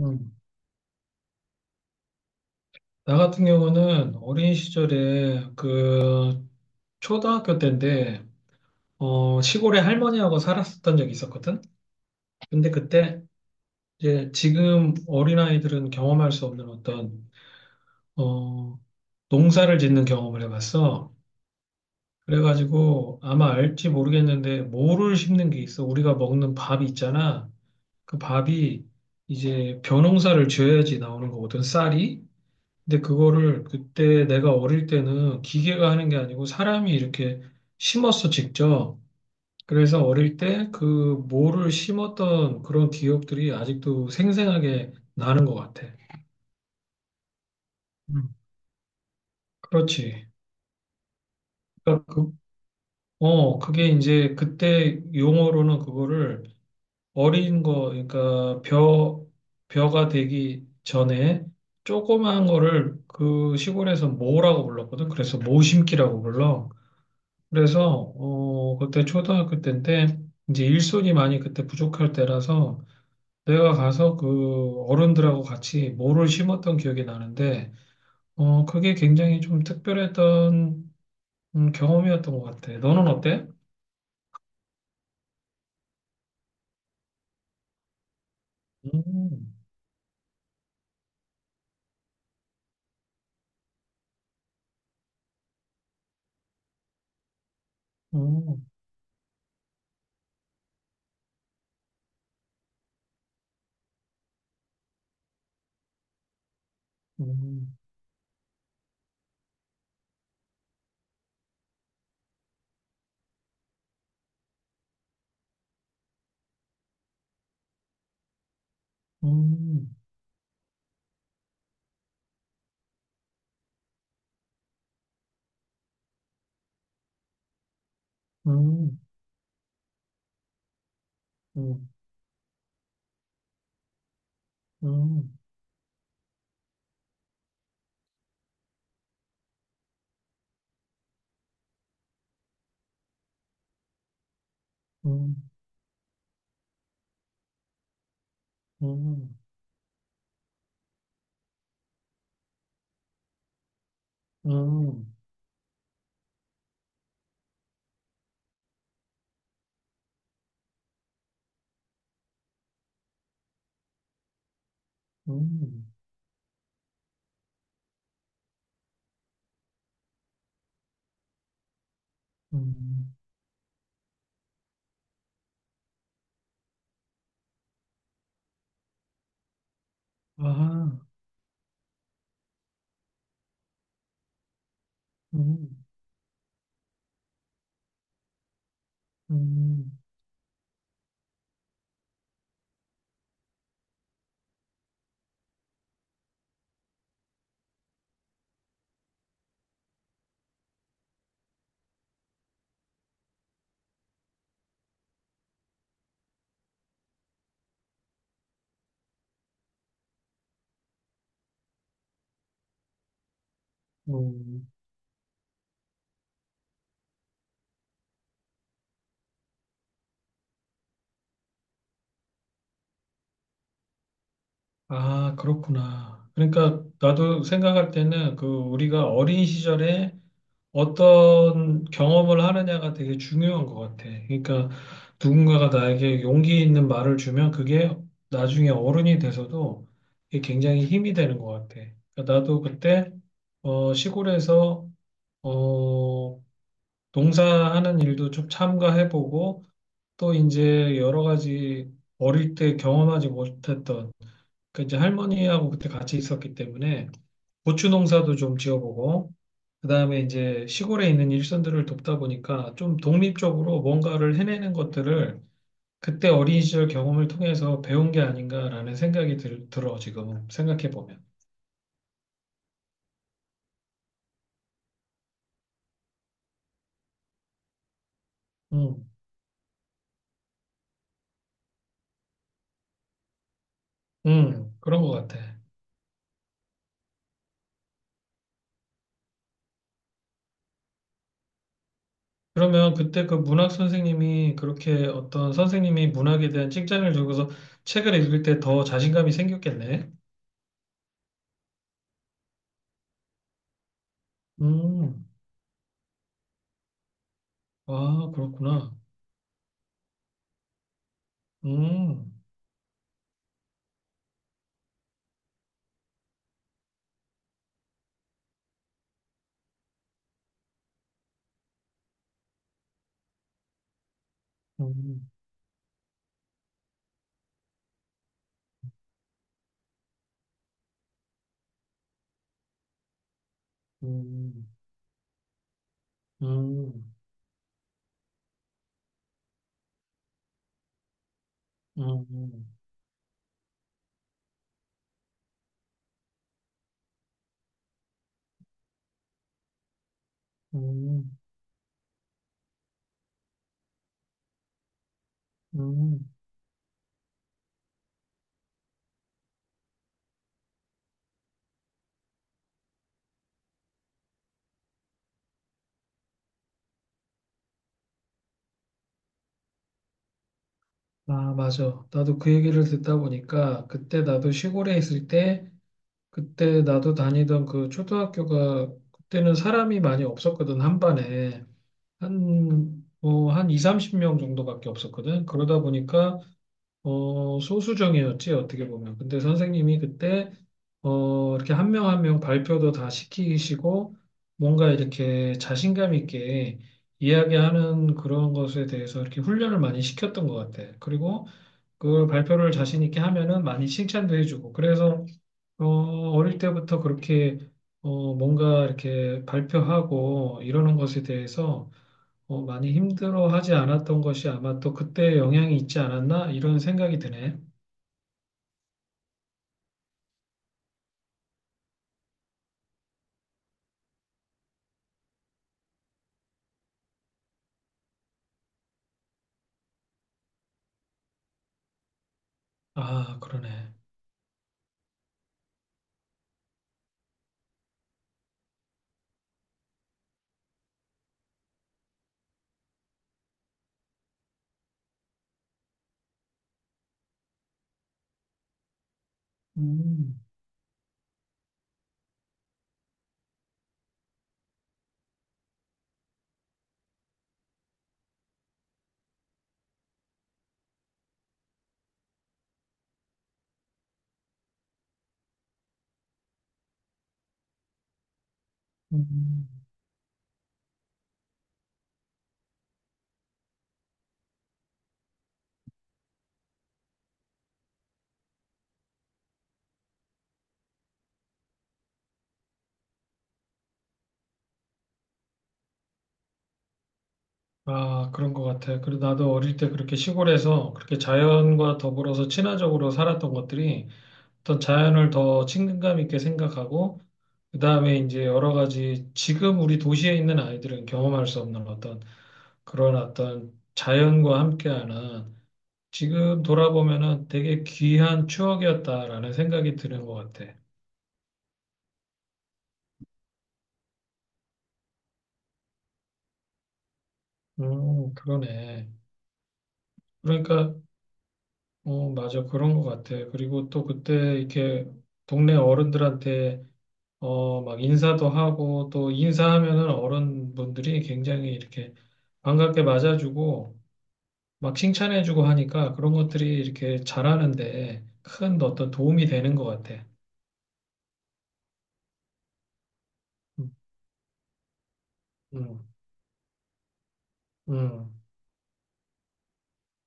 음. 나 같은 경우는 어린 시절에 그 초등학교 때인데 시골에 할머니하고 살았었던 적이 있었거든. 근데 그때 이제 지금 어린아이들은 경험할 수 없는 어떤 어, 농사를 짓는 경험을 해봤어. 그래가지고 아마 알지 모르겠는데 모를 심는 게 있어. 우리가 먹는 밥이 있잖아. 그 밥이 이제 벼농사를 지어야지 나오는 거거든, 쌀이. 근데 그거를 그때 내가 어릴 때는 기계가 하는 게 아니고 사람이 이렇게 심었어, 직접. 그래서 어릴 때 그 모를 심었던 그런 기억들이 아직도 생생하게 나는 것 같아. 음. 그렇지. 그러니까 그게 이제 그때 용어로는 그거를 어린 거, 그러니까 벼, 벼가 되기 전에 조그마한 거를 그 시골에서 모라고 불렀거든. 그래서 모심기라고 불러. 그래서 그때 초등학교 때인데 이제 일손이 많이 그때 부족할 때라서 내가 가서 그 어른들하고 같이 모를 심었던 기억이 나는데 그게 굉장히 좀 특별했던 경험이었던 것 같아. 너는 어때? 음, 음, 음, 음, 음, 음, 음, 음, 음, 음, 음, 음. 아하, 음, 음, 음. 아, 그렇구나. 그러니까 나도 생각할 때는 그 우리가 어린 시절에 어떤 경험을 하느냐가 되게 중요한 것 같아. 그러니까 누군가가 나에게 용기 있는 말을 주면 그게 나중에 어른이 돼서도 이게 굉장히 힘이 되는 것 같아. 그러니까 나도 그때 시골에서 어, 농사하는 일도 좀 참가해보고 또 이제 여러 가지 어릴 때 경험하지 못했던 그 이제 할머니하고 그때 같이 있었기 때문에 고추 농사도 좀 지어보고 그다음에 이제 시골에 있는 일선들을 돕다 보니까 좀 독립적으로 뭔가를 해내는 것들을 그때 어린 시절 경험을 통해서 배운 게 아닌가라는 생각이 들어 지금 생각해 보면. 음, 그런 것 같아. 그러면 그때 그 문학 선생님이 그렇게 어떤 선생님이 문학에 대한 칭찬을 주고서 책을 읽을 때 더 자신감이 생겼겠네. 음, 아, 그렇구나. 음, 음. 음, 음, 음, 음, 음. 음. 아, 맞아. 나도 그 얘기를 듣다 보니까 그때 나도 시골에 있을 때 그때 나도 다니던 그 초등학교가 그때는 사람이 많이 없었거든. 한 반에 한 뭐 한 2, 30명 정도밖에 없었거든. 그러다 보니까 소수정이었지, 어떻게 보면. 근데 선생님이 그때, 이렇게 한 명 한 명 발표도 다 시키시고, 뭔가 이렇게 자신감 있게 이야기하는 그런 것에 대해서 이렇게 훈련을 많이 시켰던 것 같아. 그리고 그 발표를 자신 있게 하면은 많이 칭찬도 해주고. 그래서, 어, 어릴 때부터 그렇게, 뭔가 이렇게 발표하고 이러는 것에 대해서 많이 힘들어하지 않았던 것이 아마 또 그때 영향이 있지 않았나? 이런 생각이 드네. 아, 그러네. 음, 음. 아, 그런 것 같아. 그리고 나도 어릴 때 그렇게 시골에서 그렇게 자연과 더불어서 친화적으로 살았던 것들이 어떤 자연을 더 친근감 있게 생각하고, 그 다음에 이제 여러 가지 지금 우리 도시에 있는 아이들은 경험할 수 없는 어떤 그런 어떤 자연과 함께하는 지금 돌아보면은 되게 귀한 추억이었다라는 생각이 드는 것 같아. 그러네. 그러니까 맞아. 그런 것 같아. 그리고 또 그때 이렇게 동네 어른들한테 막 인사도 하고 또 인사하면은 어른분들이 굉장히 이렇게 반갑게 맞아주고 막 칭찬해주고 하니까 그런 것들이 이렇게 잘하는데 큰 어떤 도움이 되는 것 같아. 음, 음, 음,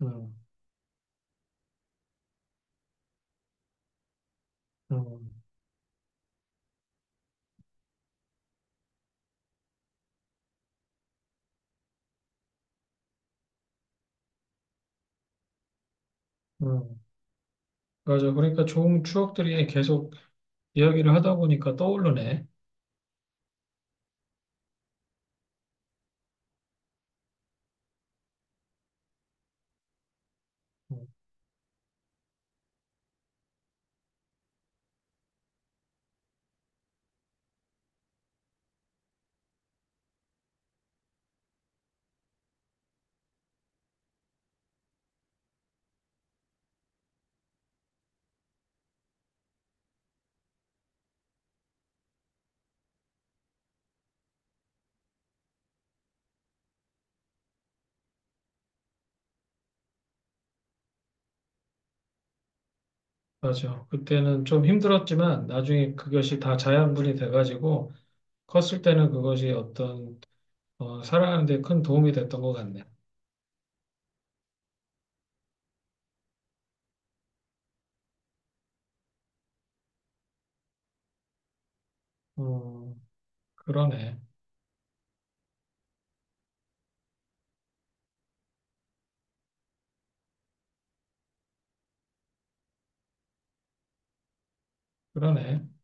음, 음, 음. 맞아. 그러니까 좋은 추억들이 계속 이야기를 하다 보니까 떠오르네. 음. 맞아. 그때는 좀 힘들었지만 나중에 그것이 다 자양분이 돼가지고 컸을 때는 그것이 어떤 살아가는 데 큰 도움이 됐던 것 같네. 음, 그러네. 그러네.